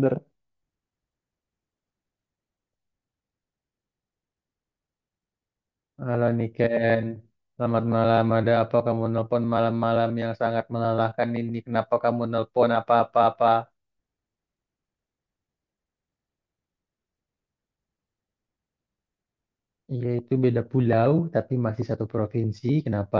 Ber. Halo Niken, selamat malam. Ada apa kamu nelpon malam-malam yang sangat melelahkan ini? Kenapa kamu nelpon apa-apa-apa? Iya itu beda pulau, tapi masih satu provinsi. Kenapa?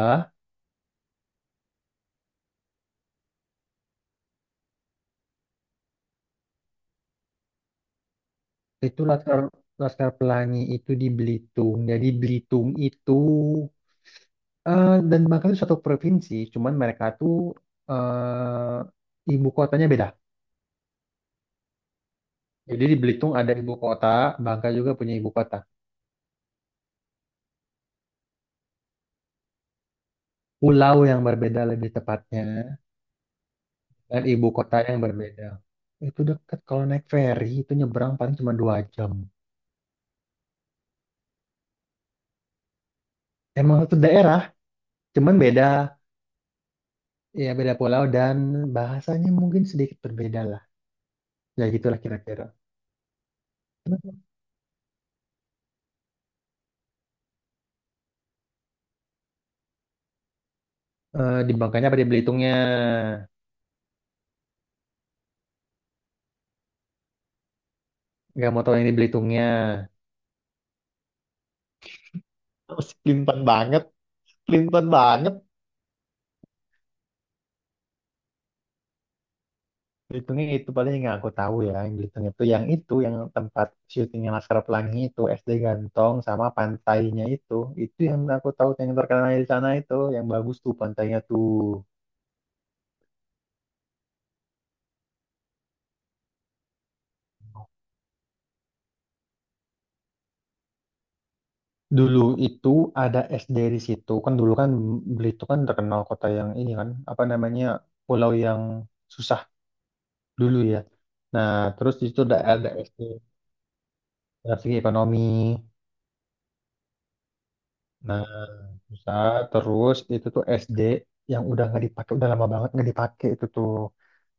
Itu Laskar Pelangi itu di Belitung. Jadi Belitung itu eh, dan Bangka itu satu provinsi. Cuman mereka tuh eh ibu kotanya beda. Jadi di Belitung ada ibu kota, Bangka juga punya ibu kota. Pulau yang berbeda lebih tepatnya. Dan ibu kota yang berbeda. Itu deket kalau naik feri itu nyebrang paling cuma 2 jam. Emang satu daerah, cuman beda ya beda pulau dan bahasanya mungkin sedikit berbeda lah. Ya gitulah kira-kira. Eh, di Bangkanya apa di Belitungnya? Gak mau tahu yang di Belitungnya. Masih pelintan banget, pelintan banget. Belitung itu paling yang aku tahu ya, yang Belitung itu yang tempat syutingnya Laskar Pelangi itu SD Gantong sama pantainya itu. Itu yang aku tahu yang terkenal di sana itu, yang bagus tuh pantainya tuh. Dulu itu ada SD di situ. Kan dulu kan Belitung kan terkenal kota yang ini kan, apa namanya? Pulau yang susah dulu ya. Nah, terus di situ udah ada SD dari segi ekonomi. Nah, susah terus itu tuh SD yang udah nggak dipakai udah lama banget nggak dipakai itu tuh.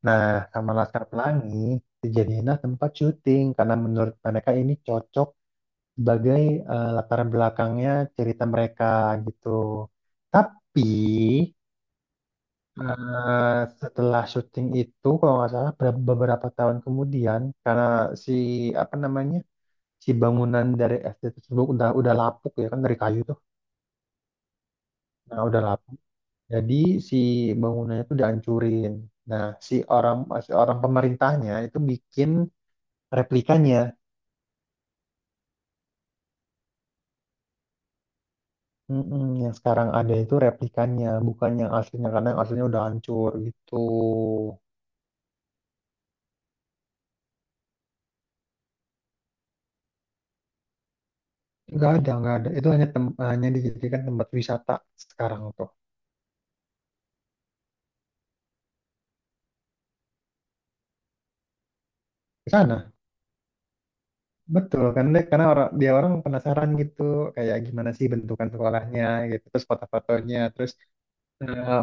Nah, sama Laskar Pelangi dijadiinlah tempat syuting karena menurut mereka ini cocok sebagai eh, latar belakangnya cerita mereka gitu. Tapi eh, setelah syuting itu kalau nggak salah beberapa tahun kemudian karena si apa namanya si bangunan dari SD tersebut udah lapuk ya kan dari kayu tuh. Nah, udah lapuk. Jadi si bangunannya itu dihancurin. Nah, si orang pemerintahnya itu bikin replikanya. Mm-mm, yang sekarang ada itu replikannya, bukan yang aslinya karena yang aslinya udah hancur gitu. Nggak ada, nggak ada. Itu hanya hanya dijadikan tempat wisata sekarang tuh. Di sana, betul kan? Dek? Karena orang dia orang penasaran gitu, kayak gimana sih bentukan sekolahnya gitu, terus foto-fotonya, terus eh,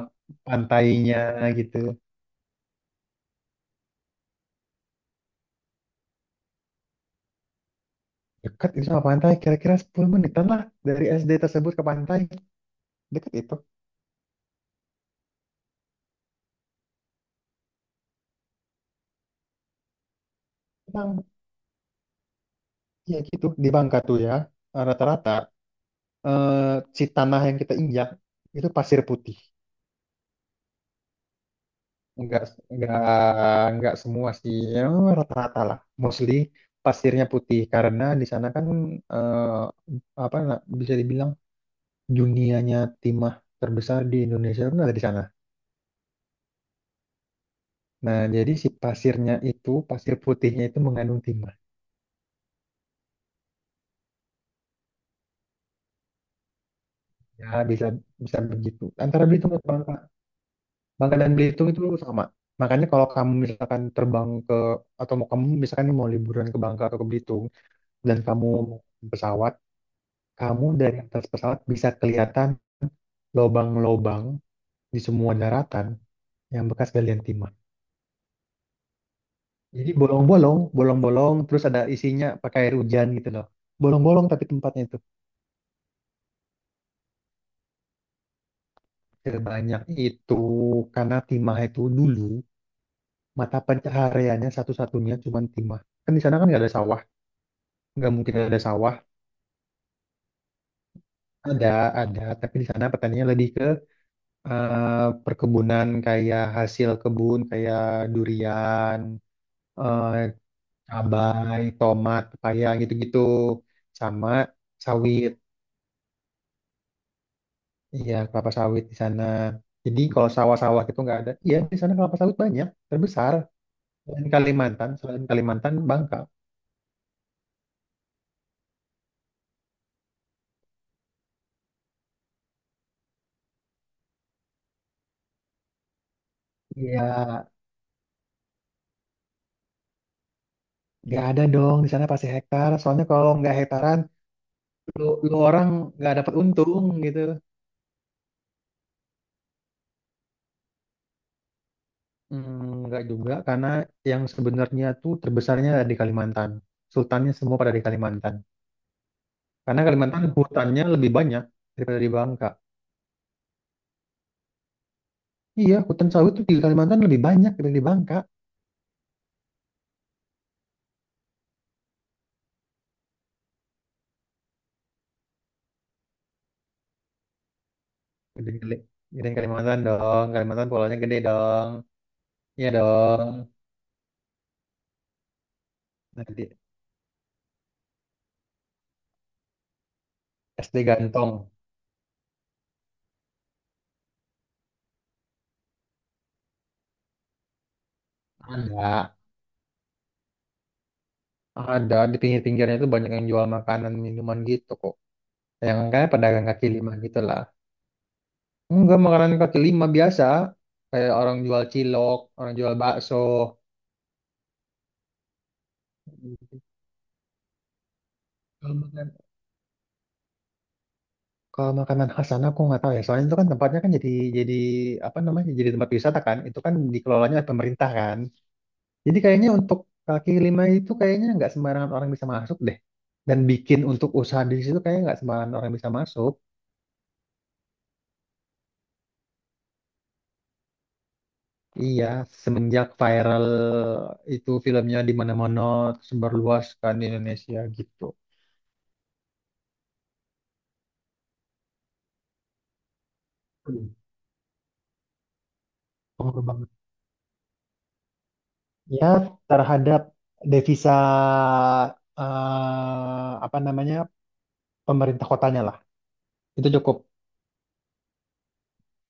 pantainya gitu. Dekat itu sama pantai, kira-kira 10 menitan lah dari SD tersebut ke pantai. Dekat itu. Emang, ya gitu, di Bangka tuh ya, rata-rata. Eh, si tanah yang kita injak itu pasir putih. Enggak, enggak, enggak semua sih, ya, rata-rata lah. Mostly pasirnya putih karena di sana kan eh, apa bisa dibilang dunianya timah terbesar di Indonesia kan ada di sana. Nah, jadi si pasirnya itu, pasir putihnya itu mengandung timah. Ya, bisa bisa begitu. Antara Belitung dan Bangka, Bangka dan Belitung itu sama. Makanya kalau kamu misalkan terbang ke atau mau kamu misalkan mau liburan ke Bangka atau ke Belitung, dan kamu naik pesawat, kamu dari atas pesawat bisa kelihatan lobang-lobang di semua daratan yang bekas galian timah. Jadi bolong-bolong, bolong-bolong, terus ada isinya pakai air hujan gitu loh. Bolong-bolong tapi tempatnya itu. Sebanyak itu karena timah itu dulu mata pencahariannya satu-satunya cuman timah. Kan di sana kan nggak ada sawah, nggak mungkin ada sawah. Ada, ada, tapi di sana petaninya lebih ke eh, perkebunan kayak hasil kebun kayak durian, eh, cabai, tomat, pepaya gitu-gitu sama sawit. Iya, kelapa sawit di sana. Jadi kalau sawah-sawah itu nggak ada. Iya, di sana kelapa sawit banyak, terbesar. Selain Kalimantan, Bangka. Iya, nggak ada dong di sana pasti hektar. Soalnya kalau nggak hektaran, lu, lu orang nggak dapat untung gitu. Hmm, nggak juga, karena yang sebenarnya tuh terbesarnya ada di Kalimantan. Sultannya semua pada di Kalimantan. Karena Kalimantan hutannya lebih banyak daripada di Bangka. Iya, hutan sawit tuh di Kalimantan lebih banyak daripada di Bangka. Gede, gede. Gedein Kalimantan dong. Kalimantan pulaunya gede dong. Iya dong. Nanti SD Gantong. Ada. Ada. Di pinggir-pinggirnya itu banyak yang jual makanan, minuman gitu kok. Yang kayak pedagang kaki lima gitu lah. Enggak, makanan kaki lima biasa. Kayak orang jual cilok, orang jual bakso. Kalau makan, kalau makanan khas sana aku nggak tahu ya. Soalnya itu kan tempatnya kan jadi apa namanya jadi tempat wisata kan. Itu kan dikelolanya oleh pemerintah kan. Jadi kayaknya untuk kaki lima itu kayaknya nggak sembarangan orang bisa masuk deh. Dan bikin untuk usaha di situ kayaknya nggak sembarangan orang bisa masuk. Iya, semenjak viral itu filmnya di mana-mana tersebar luas kan di Indonesia gitu. Hmm, pengaruh banget. Ya, terhadap devisa eh, apa namanya pemerintah kotanya lah. Itu cukup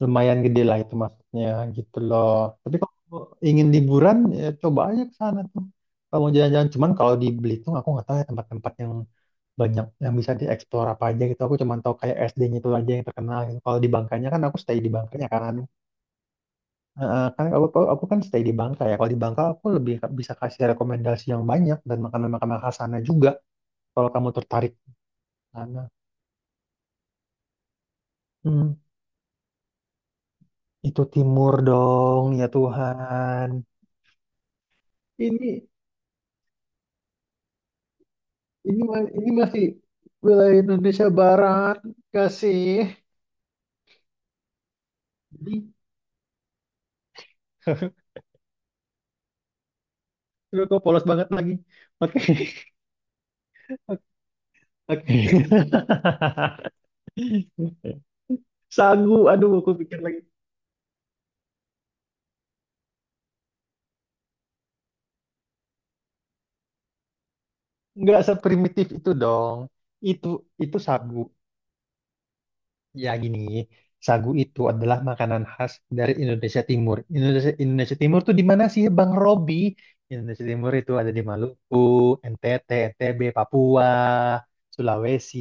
lumayan gede lah itu maksudnya gitu loh. Tapi kalau ingin liburan ya coba aja ke sana tuh. Kalau mau jalan-jalan cuman kalau di Belitung aku nggak tahu ya tempat-tempat yang banyak yang bisa dieksplor apa aja gitu. Aku cuman tahu kayak SD-nya itu aja yang terkenal gitu. Kalau di Bangkanya kan aku stay di Bangkanya kan. Heeh, kan aku kan stay di Bangka ya. Kalau di Bangka aku lebih bisa kasih rekomendasi yang banyak dan makanan-makanan khas sana juga kalau kamu tertarik ke sana. Hmm, itu timur dong ya Tuhan. Ini ini masih wilayah Indonesia Barat, kasih. Jadi, gue kok polos banget lagi. Oke, oke. Sagu, aduh, aku pikir lagi. Nggak seprimitif itu dong. Itu, itu sagu. Ya gini, sagu itu adalah makanan khas dari Indonesia Timur. Indonesia Timur tuh di mana sih Bang Robi? Indonesia Timur itu ada di Maluku, NTT, NTB, Papua, Sulawesi,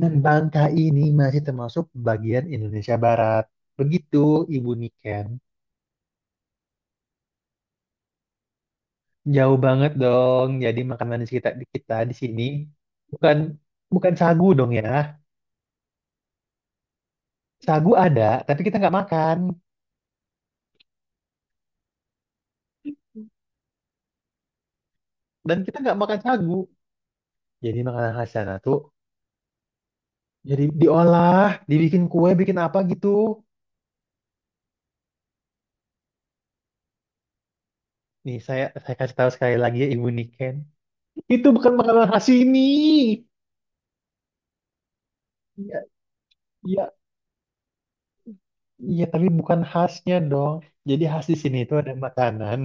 dan Bangka ini masih termasuk bagian Indonesia Barat. Begitu, Ibu Niken. Jauh banget dong. Jadi makanan di kita di sini bukan bukan sagu dong ya. Sagu ada, tapi kita nggak makan. Dan kita nggak makan sagu. Jadi makanan khas sana tuh. Jadi diolah, dibikin kue, bikin apa gitu. Nih saya kasih tahu sekali lagi ya Ibu Niken. Itu bukan makanan khas sini. Iya, iya, iya, tapi bukan khasnya dong. Jadi khas di sini itu ada makanan,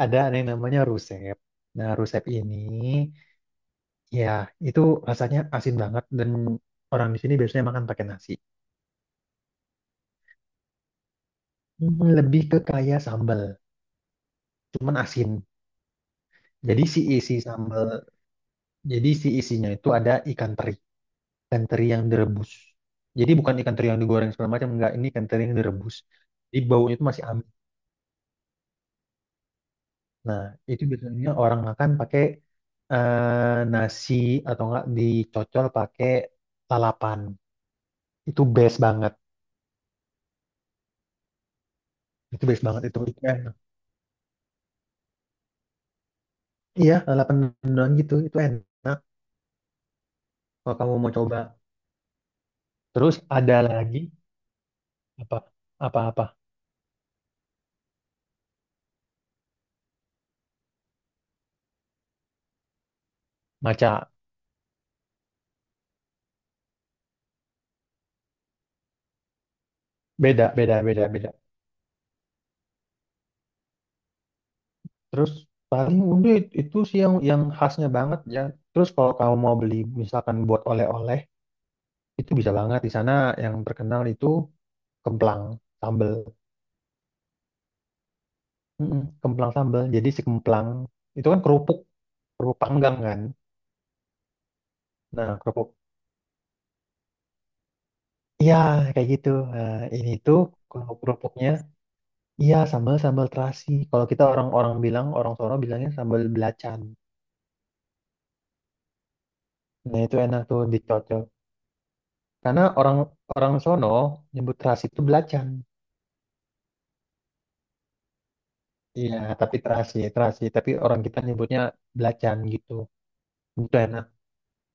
ada yang namanya rusep. Nah, rusep ini ya itu rasanya asin banget dan orang di sini biasanya makan pakai nasi. Hmm, lebih ke kaya sambal, cuman asin. Jadi si isi sambal, jadi si isinya itu ada ikan teri. Ikan teri yang direbus. Jadi bukan ikan teri yang digoreng segala macam, enggak. Ini ikan teri yang direbus. Jadi baunya itu masih amis. Nah, itu biasanya orang makan pakai eh, nasi atau enggak dicocol pakai lalapan. Itu best banget. Itu best banget itu. Itu enak. Iya, lalapan mendoan gitu. Itu enak kalau kamu mau coba. Terus ada lagi apa? Apa-apa? Maca. Beda, beda, beda, beda. Terus paling udah itu sih yang khasnya banget ya. Terus kalau kamu mau beli misalkan buat oleh-oleh itu bisa banget di sana yang terkenal itu kemplang sambel. Mm-mm, kemplang sambel. Jadi si kemplang itu kan kerupuk kerupuk panggang kan. Nah, kerupuk. Iya kayak gitu. Nah, ini tuh kalau kerupuknya iya sambal sambal terasi. Kalau kita orang-orang bilang orang sono bilangnya sambal belacan. Nah itu enak tuh dicocol. Karena orang orang sono nyebut terasi itu belacan. Iya, tapi terasi, terasi. Tapi orang kita nyebutnya belacan gitu. Itu enak.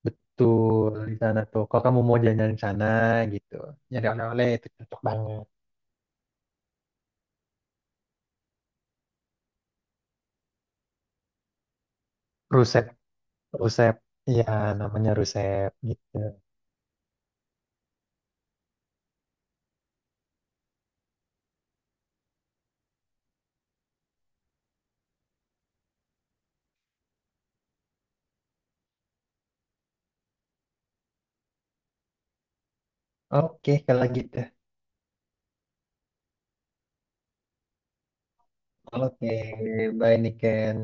Betul di sana tuh. Kalau kamu mau jalan-jalan di sana gitu, nyari oleh-oleh itu cocok banget. Rusep, rusep. Iya, namanya rusep gitu. Oke, kalau gitu. Oke, bye Niken.